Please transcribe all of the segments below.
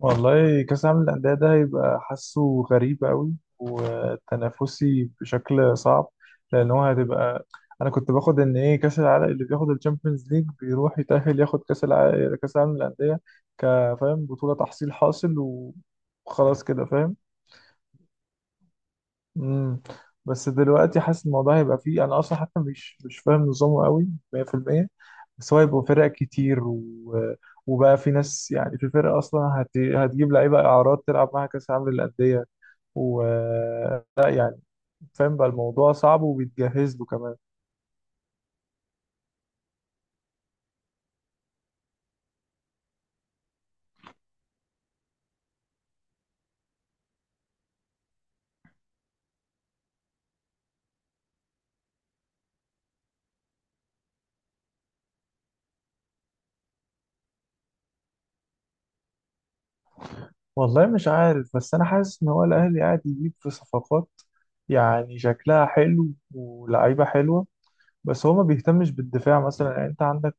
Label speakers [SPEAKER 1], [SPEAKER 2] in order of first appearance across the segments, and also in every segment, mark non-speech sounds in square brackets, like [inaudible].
[SPEAKER 1] والله كأس العالم للأندية ده هيبقى حاسه غريب قوي، وتنافسي بشكل صعب. لأن هو هتبقى، أنا كنت باخد إن إيه، كأس العالم اللي بياخد الشامبيونز ليج بيروح يتأهل ياخد كأس العالم، كأس العالم للأندية. كفاهم بطولة تحصيل حاصل، وخلاص كده فاهم. امم بس دلوقتي حاسس الموضوع هيبقى فيه. انا اصلا حتى مش فاهم نظامه قوي 100%. بس هو هيبقى فرق كتير وبقى في ناس، يعني في فرق اصلا هتجيب لعيبه اعارات تلعب معاها كاس العالم للانديه، و، لا يعني. فاهم بقى الموضوع صعب وبيتجهز له كمان. والله مش عارف، بس انا حاسس ان هو الاهلي قاعد يجيب في صفقات يعني شكلها حلو، ولعيبه حلوه. بس هو ما بيهتمش بالدفاع مثلا. يعني انت عندك،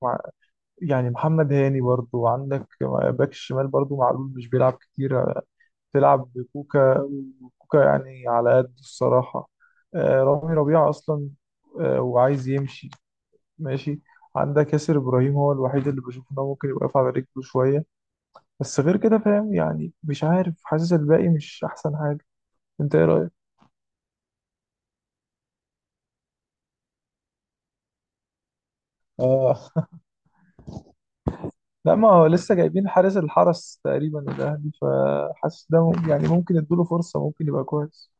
[SPEAKER 1] يعني محمد هاني برضو. عندك باك الشمال برضو، معلول مش بيلعب كتير. تلعب بكوكا، وكوكا يعني على قد الصراحة. رامي ربيعة أصلا وعايز يمشي، ماشي. عندك ياسر إبراهيم، هو الوحيد اللي بشوف إن هو ممكن يبقى واقف على رجله شوية. بس غير كده فاهم، يعني مش عارف، حاسس الباقي مش أحسن حاجة. أنت إيه رأيك؟ اه. [laughs] لا، ما هو لسه جايبين حارس الحرس تقريبا الأهلي، فحاسس ده يعني ممكن يدوله فرصة، ممكن يبقى كويس.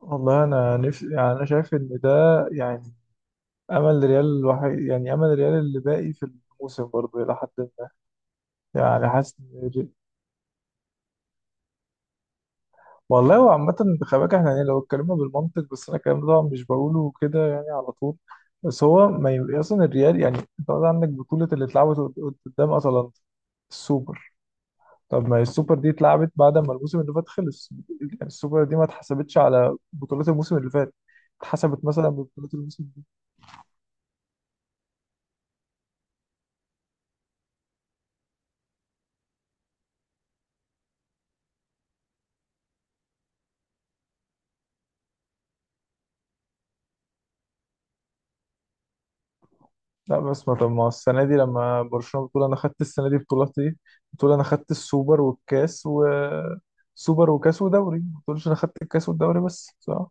[SPEAKER 1] والله انا نفسي، يعني انا شايف ان ده، يعني امل ريال الوحيد، يعني امل ريال اللي باقي في الموسم برضه الى حد ما. يعني حاسس إن والله هو عامة خلي بالك احنا، يعني لو اتكلمنا بالمنطق بس، انا الكلام ده طبعا مش بقوله كده يعني على طول. بس هو ما ي... اصلا الريال، يعني انت قصدي عندك بطولة اللي اتلعبت قدام اتلانتا، السوبر. طب ما السوبر دي اتلعبت بعد ما الموسم اللي فات خلص، يعني السوبر دي ما اتحسبتش على بطولات الموسم اللي فات، اتحسبت مثلا ببطولات الموسم. لا بس ما، طب ما هو السنة دي لما برشلونة بتقول أنا خدت السنة دي بطولتي، بتقول أنا خدت السوبر والكاس و، سوبر وكاس ودوري، ما بتقولش أنا خدت الكاس والدوري بس، صح؟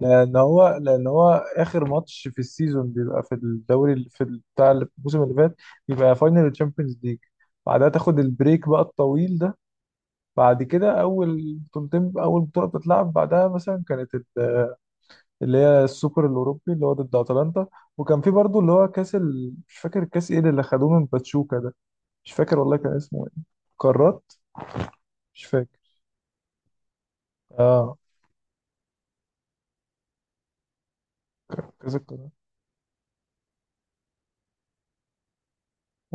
[SPEAKER 1] لأن هو آخر ماتش في السيزون بيبقى في الدوري بتاع الموسم اللي فات، بيبقى فاينل الشامبيونز ليج. بعدها تاخد البريك بقى الطويل ده. بعد كده أول بطولتين، أول بطولة بتتلعب بعدها مثلا كانت اللي هي السوبر الاوروبي اللي هو ضد اتلانتا. وكان في برضو اللي هو مش فاكر كاس ايه اللي خدوه من باتشوكا ده. مش فاكر والله كان اسمه ايه، قارات. مش فاكر. اه، كاس القارات.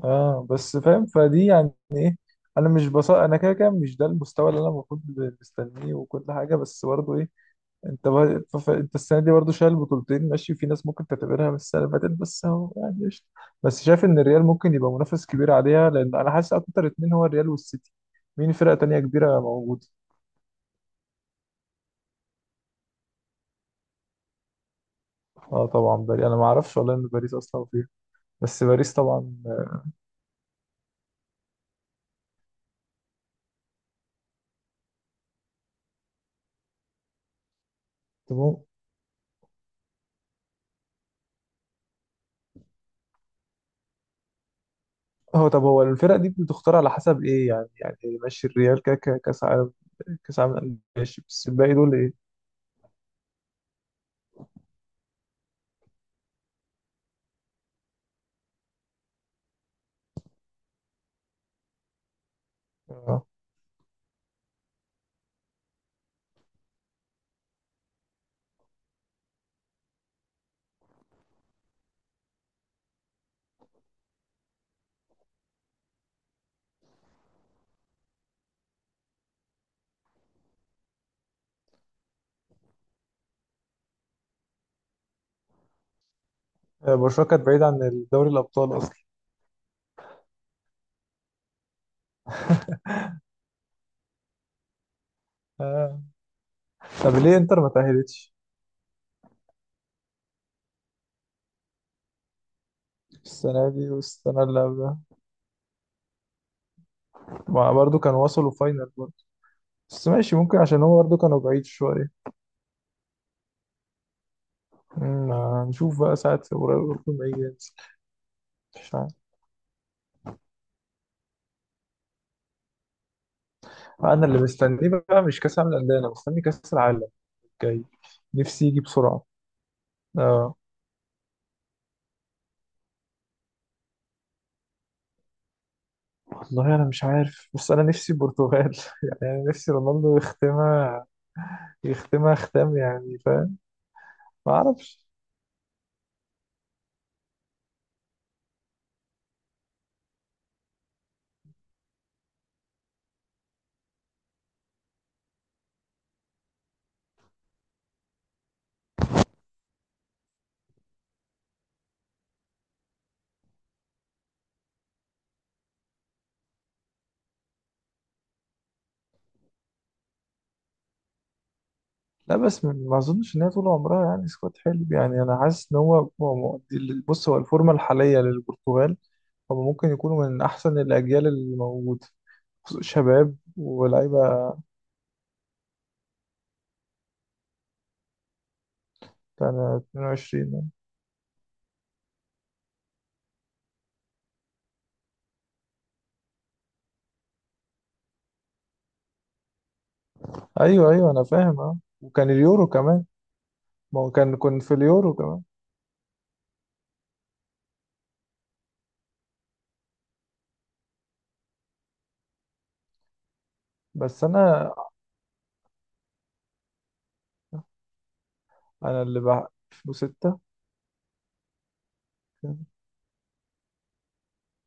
[SPEAKER 1] اه بس فاهم، فدي يعني ايه. انا مش بص، انا كده كده مش ده المستوى اللي انا المفروض مستنيه وكل حاجه، بس برضو ايه. انت بقى انت السنه دي برضه شايل بطولتين ماشي، في ناس ممكن تعتبرها من السنه اللي فاتت، بس هو يعني قشطة. بس شايف ان الريال ممكن يبقى منافس كبير عليها، لان انا حاسس اكتر اتنين هو الريال والسيتي. مين فرقه تانية كبيره موجوده؟ اه طبعا باريس، انا ما اعرفش والله ان باريس اصلا فيها. بس باريس طبعا. طب هو، طب هو الفرق دي بتختار على حسب ايه يعني، يعني إيه؟ ماشي الريال كاس عالم، كاس عالم للأندية ماشي، بس الباقي دول ايه. اه. برشلونه كانت بعيده عن دوري الابطال اصلا. آه. طب ليه انتر ما تاهلتش. السنة دي والسنة اللي قبلها، ما برضو كانوا وصلوا فاينل برضو. بس ماشي، ممكن عشان هو برضو كانوا بعيد شوية. أمم، هنشوف بقى ساعة قريب لما يجي ينزل. مش عارف. أنا اللي مستنيه بقى مش كأس العالم للأندية، أنا مستني كأس العالم الجاي. نفسي يجي بسرعة. آه. والله أنا مش عارف، بس أنا نفسي البرتغال. [laughs] يعني أنا نفسي رونالدو يختمها، يختمها ختام يعني فاهم. ما أعرفش. لا بس ما أظنش إن هي طول عمرها يعني سكواد حلو. يعني أنا حاسس إن هو مؤدي. بص هو الفورمة الحالية للبرتغال، هم ممكن يكونوا من أحسن الأجيال اللي موجودة. شباب ولاعيبة. كان 22. أيوه أيوه أنا فاهم، أه. وكان اليورو كمان. ما هو كان، كنت في اليورو كمان. بس أنا اللي بقى 2006.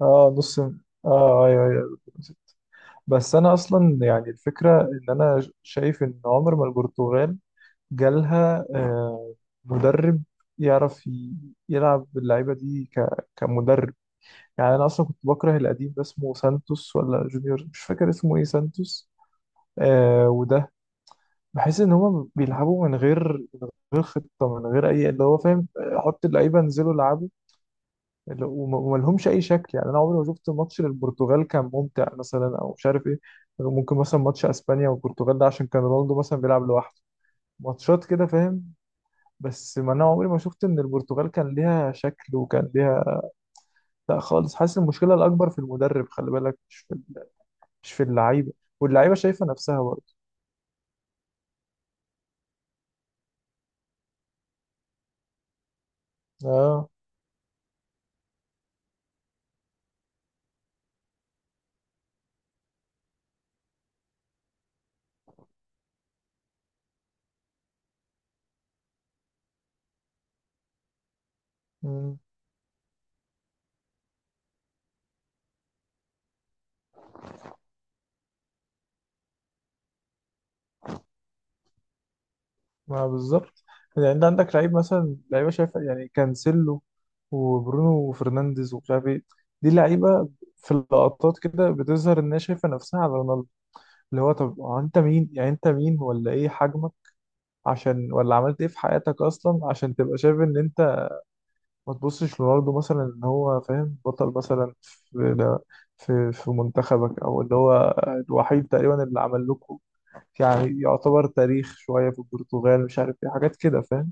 [SPEAKER 1] أه نص، أه أيوه أيوه. بس أنا أصلا يعني الفكرة إن أنا شايف إن عمر ما البرتغال جالها مدرب يعرف يلعب اللعيبة دي كمدرب. يعني انا اصلا كنت بكره القديم ده اسمه سانتوس ولا جونيور، مش فاكر اسمه ايه، سانتوس. آه. وده بحس ان هما بيلعبوا من غير، من غير خطه، من غير اي اللي هو فاهم، حط اللعيبه انزلوا العبوا. وما لهمش اي شكل. يعني انا عمري ما شفت ماتش للبرتغال كان ممتع مثلا او مش عارف ايه. ممكن مثلا ماتش اسبانيا والبرتغال ده عشان كان رونالدو مثلا بيلعب لوحده، ماتشات كده فاهم. بس ما انا عمري ما شفت ان البرتغال كان ليها شكل وكان ليها. لا خالص، حاسس المشكله الاكبر في المدرب خلي بالك، مش في اللعيبه، واللعيبه شايفه نفسها برضه. اه. مم. ما بالظبط. يعني انت عندك لعيب، مثلا لعيبه شايفه يعني كانسيلو وبرونو وفرنانديز ومش عارف ايه، دي لعيبه في اللقطات كده بتظهر انها شايفه نفسها على رونالدو. اللي هو طب هو انت مين، يعني انت مين ولا ايه حجمك عشان، ولا عملت ايه في حياتك اصلا عشان تبقى شايف ان انت ما تبصش لرونالدو مثلا، ان هو فاهم بطل مثلا في في منتخبك او اللي هو الوحيد تقريبا اللي عمل لكم، يعني يعتبر تاريخ شوية في البرتغال، مش عارف ايه حاجات كده فاهم.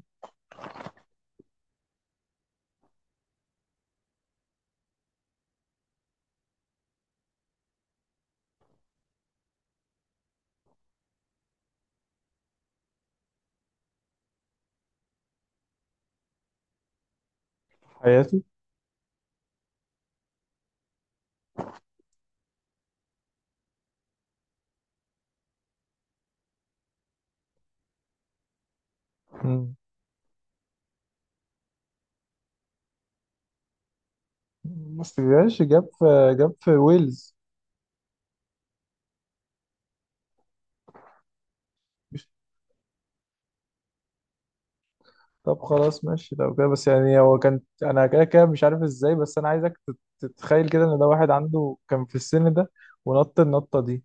[SPEAKER 1] في حياته. مم. بس جاش، جاب في، جاب في ويلز. مش- طب خلاص ماشي لو كده، بس يعني هو كان انا كده كده مش عارف ازاي، بس انا عايزك تتخيل كده ان ده واحد عنده كان في السن ده ونط النطة دي.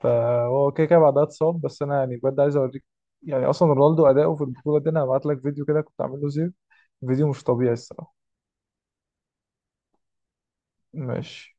[SPEAKER 1] فهو كده كده بعدها اتصاب. بس انا يعني بجد عايز اوريك، يعني اصلا رونالدو اداؤه في البطولة دي، انا هبعت لك فيديو كده كنت عامله زيرو، فيديو مش طبيعي الصراحة. ماشي.